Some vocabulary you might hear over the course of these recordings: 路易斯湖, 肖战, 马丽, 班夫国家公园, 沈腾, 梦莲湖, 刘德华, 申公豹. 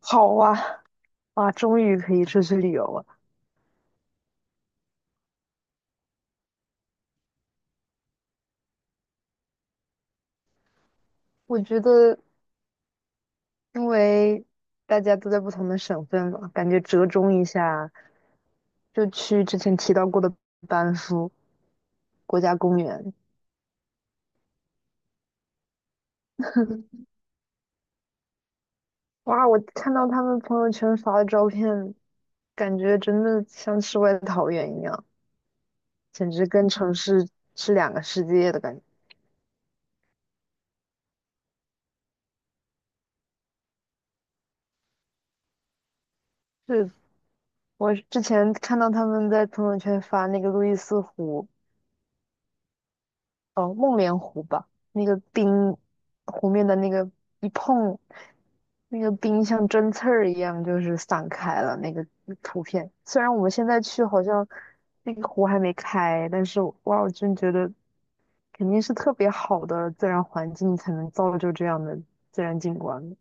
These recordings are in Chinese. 好啊，啊，终于可以出去旅游了。我觉得，因为大家都在不同的省份嘛，感觉折中一下，就去之前提到过的班夫国家公园。哇，我看到他们朋友圈发的照片，感觉真的像世外桃源一样，简直跟城市是两个世界的感觉。是我之前看到他们在朋友圈发那个路易斯湖，哦，梦莲湖吧，那个冰湖面的那个一碰，那个冰像针刺儿一样，就是散开了那个图片。虽然我们现在去好像那个湖还没开，但是哇，我真觉得肯定是特别好的自然环境才能造就这样的自然景观的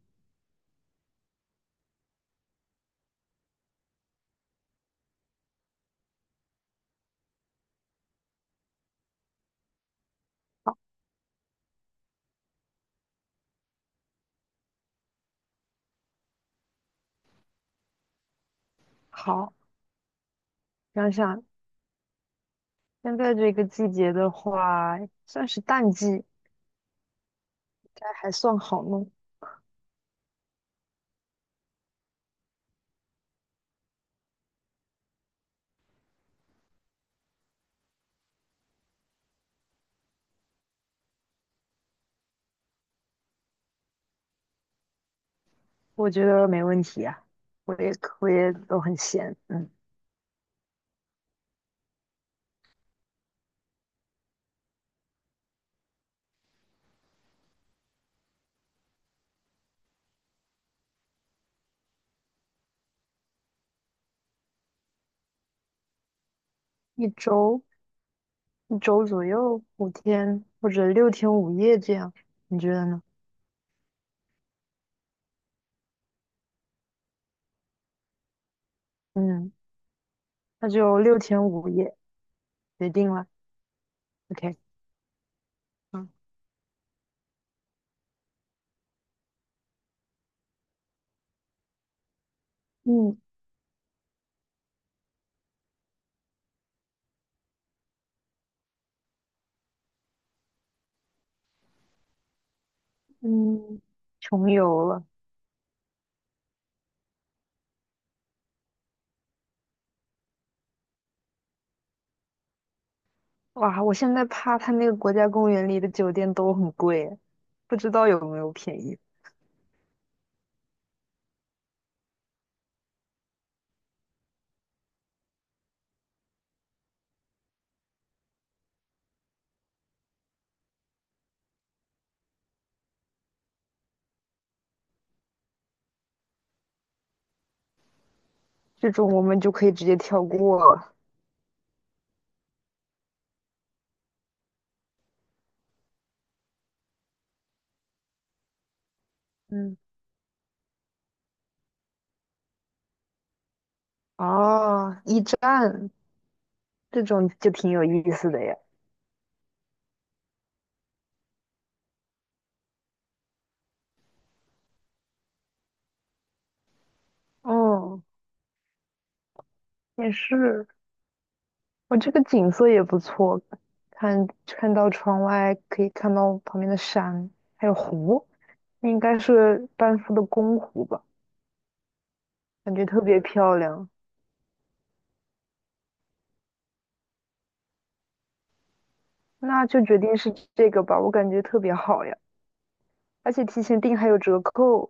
好，想想现在这个季节的话，算是淡季，应该还算好弄，我觉得没问题啊。我也我也都很闲，嗯。一周左右5天或者六天五夜这样，你觉得呢？嗯，那就六天五夜决定了。OK，嗯嗯嗯，穷游了，哇！我现在怕他那个国家公园里的酒店都很贵，不知道有没有便宜。这种我们就可以直接跳过了。嗯，哦，驿站这种就挺有意思的呀。哦，也是。我这个景色也不错，看看到窗外可以看到旁边的山，还有湖，那应该是班夫的公湖吧，感觉特别漂亮。那就决定是这个吧，我感觉特别好呀，而且提前订还有折扣，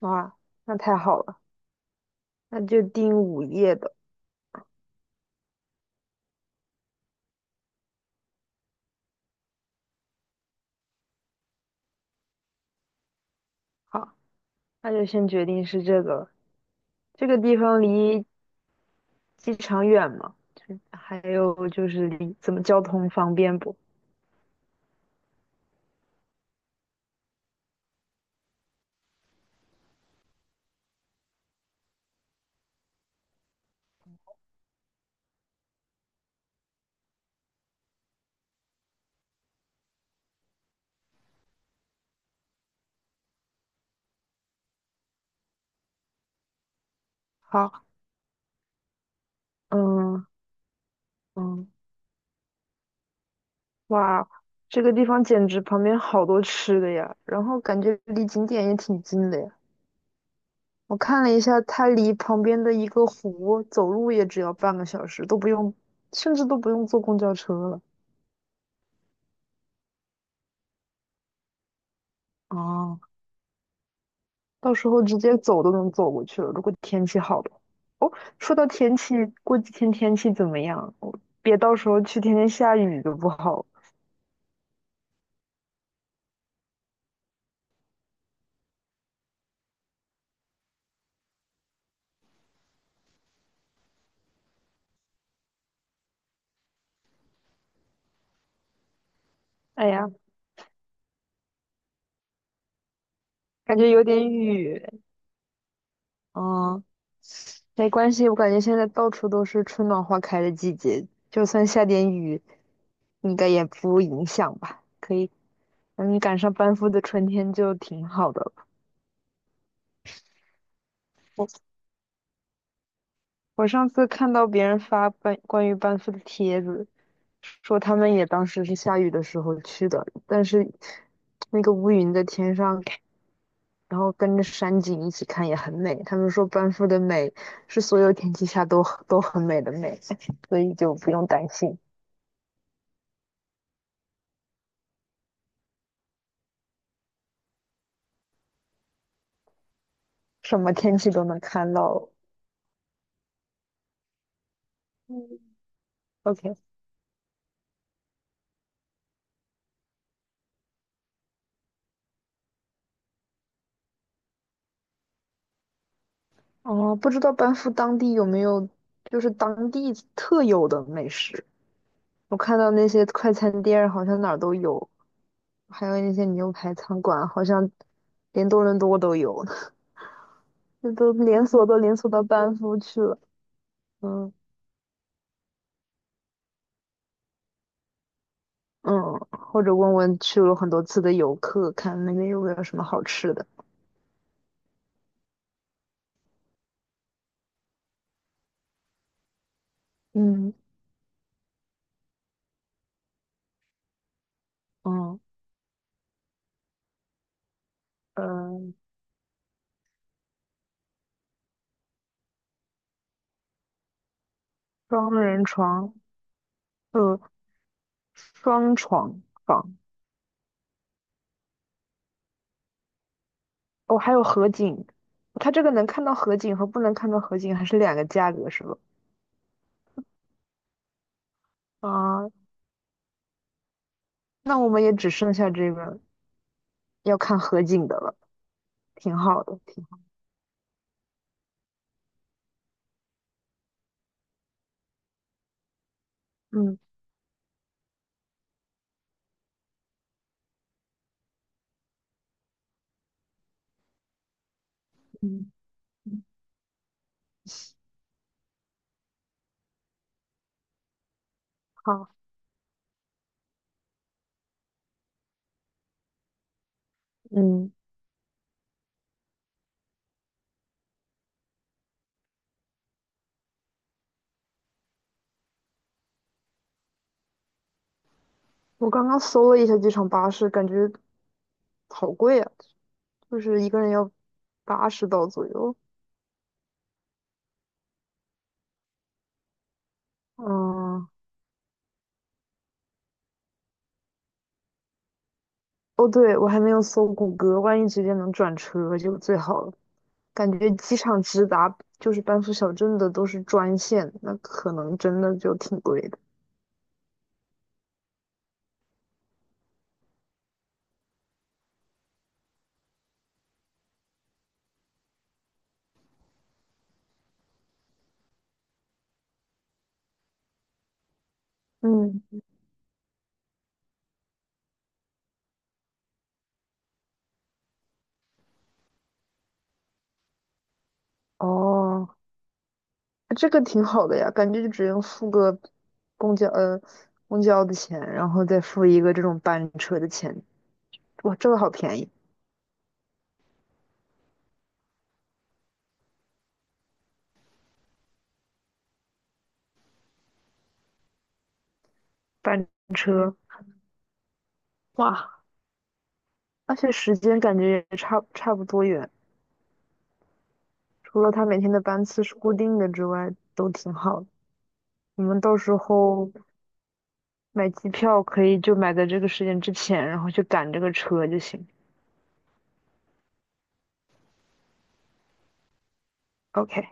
哇，那太好了，那就订午夜的，好，那就先决定是这个了，这个地方离机场远吗？就还有就是离怎么交通方便不？好，嗯嗯。哇，这个地方简直旁边好多吃的呀，然后感觉离景点也挺近的呀。我看了一下，它离旁边的一个湖走路也只要半个小时，都不用，甚至都不用坐公交车了。哦，到时候直接走都能走过去了，如果天气好的话，哦，说到天气，过几天天气怎么样？我别到时候去天天下雨就不好，哎呀，感觉有点雨。哦，没关系，我感觉现在到处都是春暖花开的季节，就算下点雨，应该也不影响吧？可以，嗯，赶上班夫的春天就挺好的了，我我上次看到别人发关于班夫的帖子，说他们也当时是下雨的时候去的，但是那个乌云在天上，然后跟着山景一起看也很美。他们说班夫的美是所有天气下都很美的美，所以就不用担心。什么天气都能看到。嗯，OK，哦，不知道班夫当地有没有就是当地特有的美食？我看到那些快餐店儿好像哪儿都有，还有那些牛排餐馆，好像连多伦多都有，那都连锁都连锁到班夫去了。嗯嗯，或者问问去了很多次的游客，看那边有没有什么好吃的。嗯嗯嗯，呃双人床，呃，双床房。哦，还有河景，它这个能看到河景和不能看到河景还是两个价格是吧？啊，那我们也只剩下这个要看河景的了，挺好的，挺好。嗯嗯，嗯，好，嗯，我刚刚搜了一下机场巴士，感觉好贵啊，就是一个人要80刀左右。嗯，哦，对，我还没有搜谷歌，万一直接能转车就最好了。感觉机场直达就是班夫小镇的都是专线，那可能真的就挺贵的。嗯，哦，这个挺好的呀，感觉就只用付个公交呃公交的钱，然后再付一个这种班车的钱，哇，这个好便宜，班车，哇，而且时间感觉也差不多远，除了他每天的班次是固定的之外，都挺好的。你们到时候买机票可以就买在这个时间之前，然后去赶这个车就行。OK